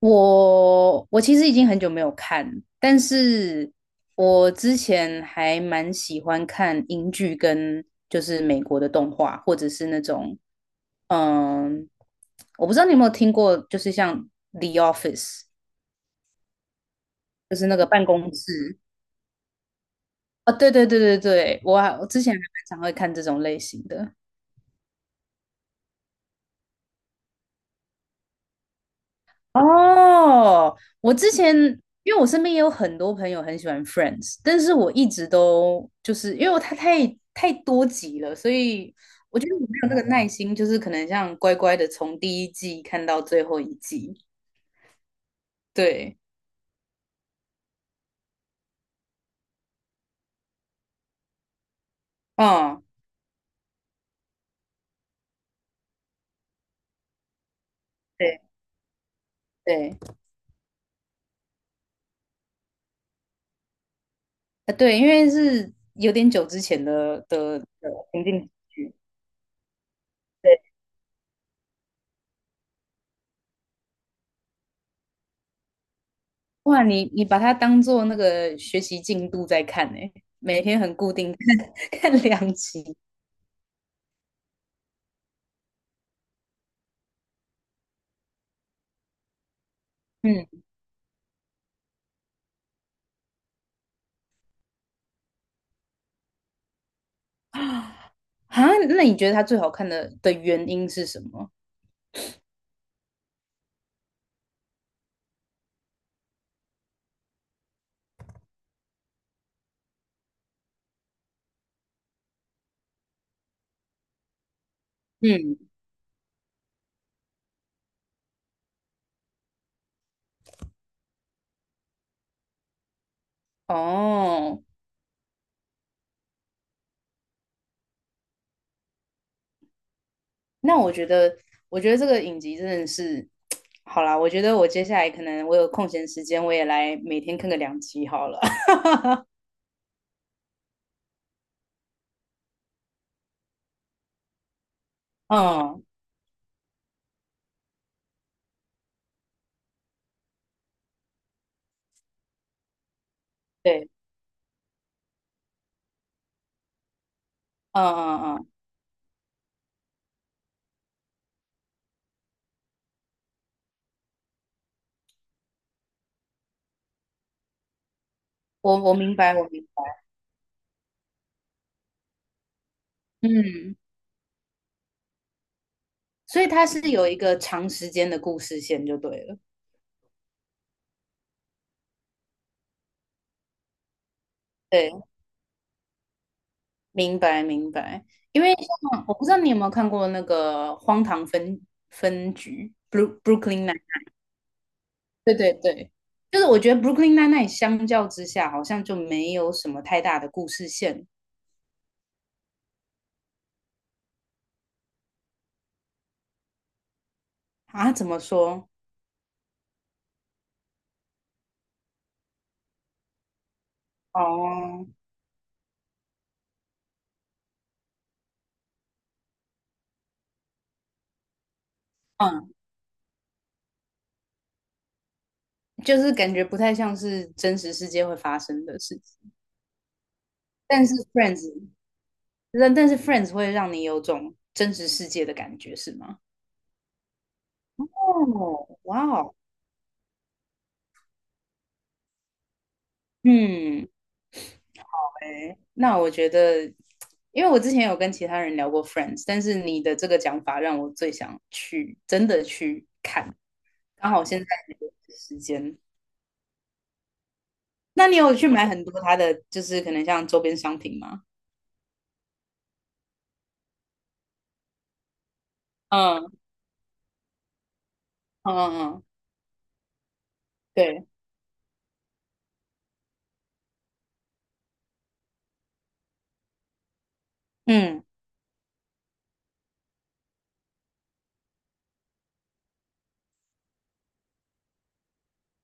我其实已经很久没有看，但是我之前还蛮喜欢看英剧跟就是美国的动画，或者是那种，嗯，我不知道你有没有听过，就是像《The Office》，就是那个办公室。啊，对对对对对，我之前还蛮常会看这种类型的。哦，我之前因为我身边也有很多朋友很喜欢 Friends，但是我一直都就是因为它太多集了，所以我觉得我没有那个耐心，就是可能像乖乖的从第一季看到最后一季。对，嗯，对对，啊对，因为是有点久之前的情境剧，对，哇，你把它当做那个学习进度在看呢、每天很固定 看两集，嗯。啊，那你觉得它最好看的原因是什么？嗯，哦，那我觉得这个影集真的是，好啦，我觉得我接下来可能我有空闲时间，我也来每天看个两集好了。嗯，对，嗯嗯嗯，我明白，我明白。嗯，所以它是有一个长时间的故事线就对了。对，明白明白。因为像我不知道你有没有看过那个《荒唐分局 Brooklyn 对对对，就是我觉得 Brooklyn Nine-Nine 相较之下，好像就没有什么太大的故事线啊。怎么说？哦，嗯，就是感觉不太像是真实世界会发生的事情。但是 Friends，但是 Friends 会让你有种真实世界的感觉，是吗？哦，哇哦，嗯，哎，那我觉得，因为我之前有跟其他人聊过 Friends，但是你的这个讲法让我最想去真的去看。刚好现在有时间。那你有去买很多它的，就是可能像周边商品吗？嗯嗯嗯，对，嗯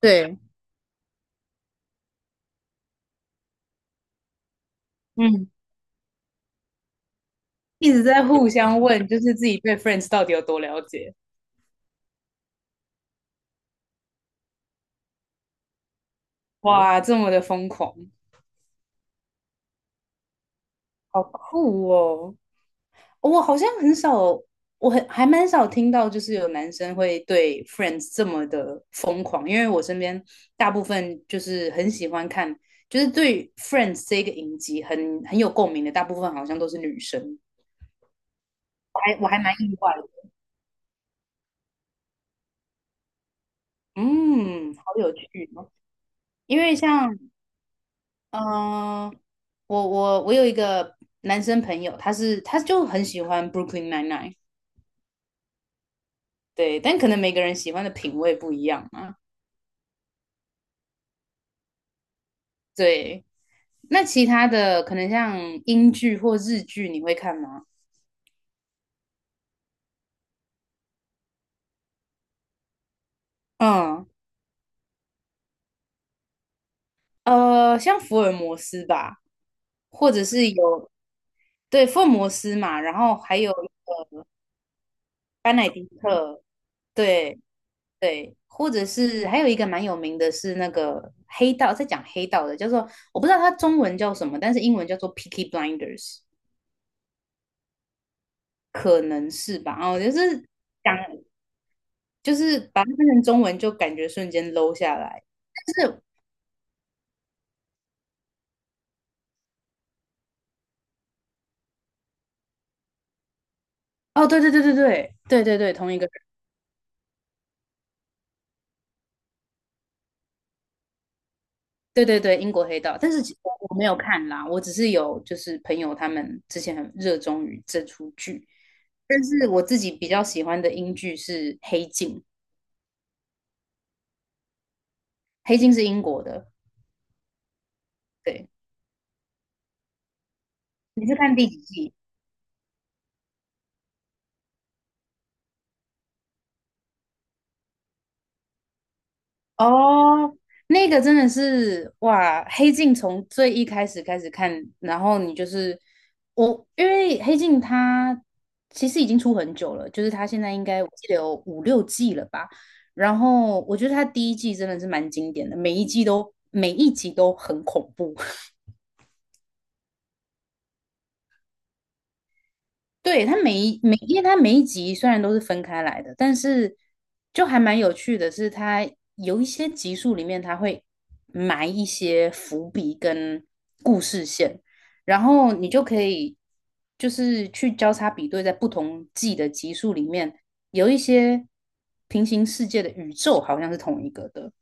对，嗯，一直在互相问，就是自己对 Friends 到底有多了解。哇，这么的疯狂，好酷哦！我好像很少，我还蛮少听到，就是有男生会对 Friends 这么的疯狂，因为我身边大部分就是很喜欢看，就是对 Friends 这个影集很有共鸣的，大部分好像都是女生，我还蛮意外的，嗯，好有趣哦因为像嗯、呃我有一个男生朋友，他就很喜欢 Brooklyn Nine Nine，对，但可能每个人喜欢的品味不一样嘛。对，那其他的可能像英剧或日剧，你会看吗？嗯，像福尔摩斯吧，或者是有，对，福尔摩斯嘛，然后还有班乃迪克，对对，或者是还有一个蛮有名的是那个黑道，在讲黑道的，叫做我不知道它中文叫什么，但是英文叫做《Peaky Blinders》，可能是吧，哦，就是讲，就是把它翻成中文就感觉瞬间 low 下来。但是哦，对对对对对对对对，同一个人，对对对，英国黑道。但是其实我没有看啦，我只是有就是朋友他们之前很热衷于这出剧，但是我自己比较喜欢的英剧是《黑镜》，《黑镜》是英国的，对，你是看第几季？哦，那个真的是哇，《黑镜》从最一开始开始看，然后你就是我，因为《黑镜》它其实已经出很久了，就是它现在应该我记得有五六季了吧。然后我觉得它第一季真的是蛮经典的，每一集都很恐怖。对，它每一每，因为它每一集虽然都是分开来的，但是就还蛮有趣的是，它有一些集数里面它会埋一些伏笔跟故事线，然后你就可以就是去交叉比对，在不同季的集数里面，有一些平行世界的宇宙好像是同一个的。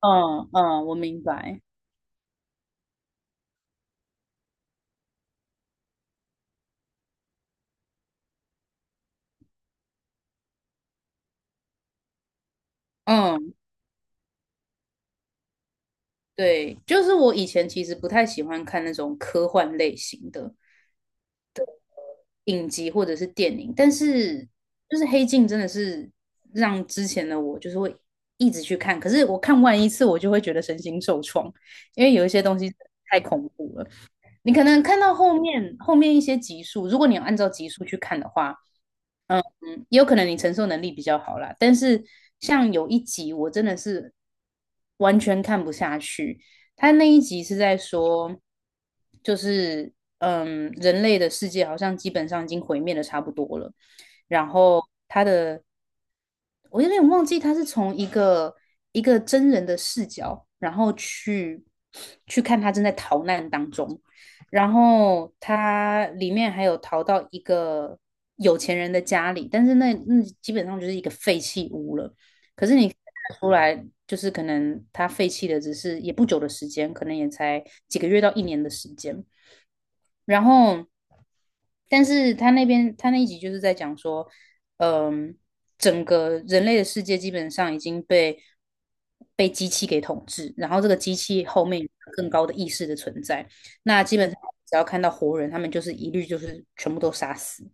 嗯嗯，我明白。嗯，对，就是我以前其实不太喜欢看那种科幻类型的。影集或者是电影，但是就是《黑镜》真的是让之前的我就是会一直去看，可是我看完一次我就会觉得身心受创，因为有一些东西太恐怖了。你可能看到后面一些集数，如果你有按照集数去看的话，嗯，也有可能你承受能力比较好啦。但是像有一集我真的是完全看不下去，他那一集是在说，就是人类的世界好像基本上已经毁灭的差不多了，然后他的我有点忘记他是从一个真人的视角，然后去看他正在逃难当中，然后他里面还有逃到一个有钱人的家里，但是那基本上就是一个废弃屋了。可是你看得出来，就是可能他废弃的只是也不久的时间，可能也才几个月到一年的时间。然后，但是他那一集就是在讲说，嗯，整个人类的世界基本上已经被机器给统治，然后这个机器后面有更高的意识的存在，那基本上只要看到活人，他们就是一律就是全部都杀死。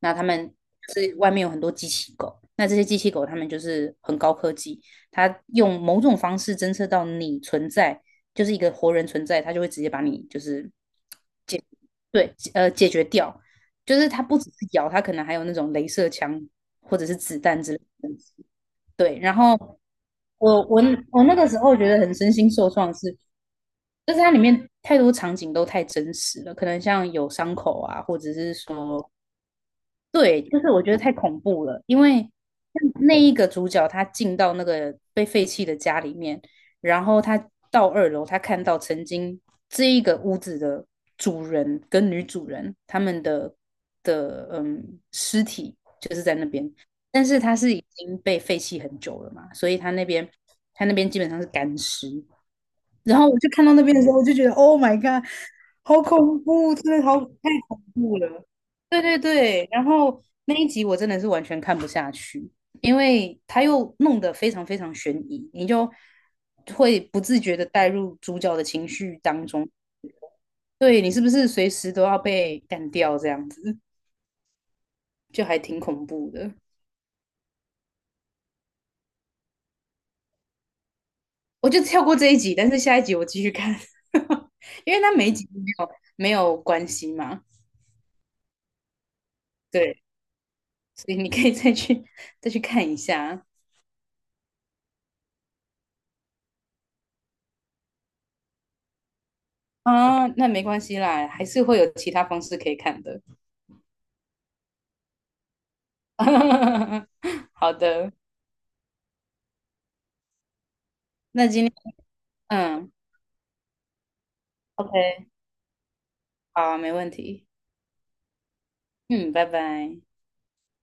那他们是外面有很多机器狗，那这些机器狗他们就是很高科技，它用某种方式侦测到你存在，就是一个活人存在，它就会直接把你就是对，解决掉，就是它不只是咬，它可能还有那种镭射枪或者是子弹之类的。对，然后我我我那个时候觉得很身心受创是，就是它里面太多场景都太真实了，可能像有伤口啊，或者是说对，就是我觉得太恐怖了，因为那一个主角他进到那个被废弃的家里面，然后他到二楼，他看到曾经这一个屋子的主人跟女主人他们的尸体就是在那边，但是他是已经被废弃很久了嘛，所以他那边基本上是干尸，然后我就看到那边的时候，我就觉得 Oh my God，好恐怖，真的好太恐怖了。对对对，然后那一集我真的是完全看不下去，因为他又弄得非常非常悬疑，你就会不自觉的带入主角的情绪当中，对你是不是随时都要被干掉这样子，就还挺恐怖的。我就跳过这一集，但是下一集我继续看，因为它每一集都没有关系嘛，对。所以你可以再去看一下啊，那没关系啦，还是会有其他方式可以看的。好的，那今天嗯，OK，好啊没问题，嗯，拜拜。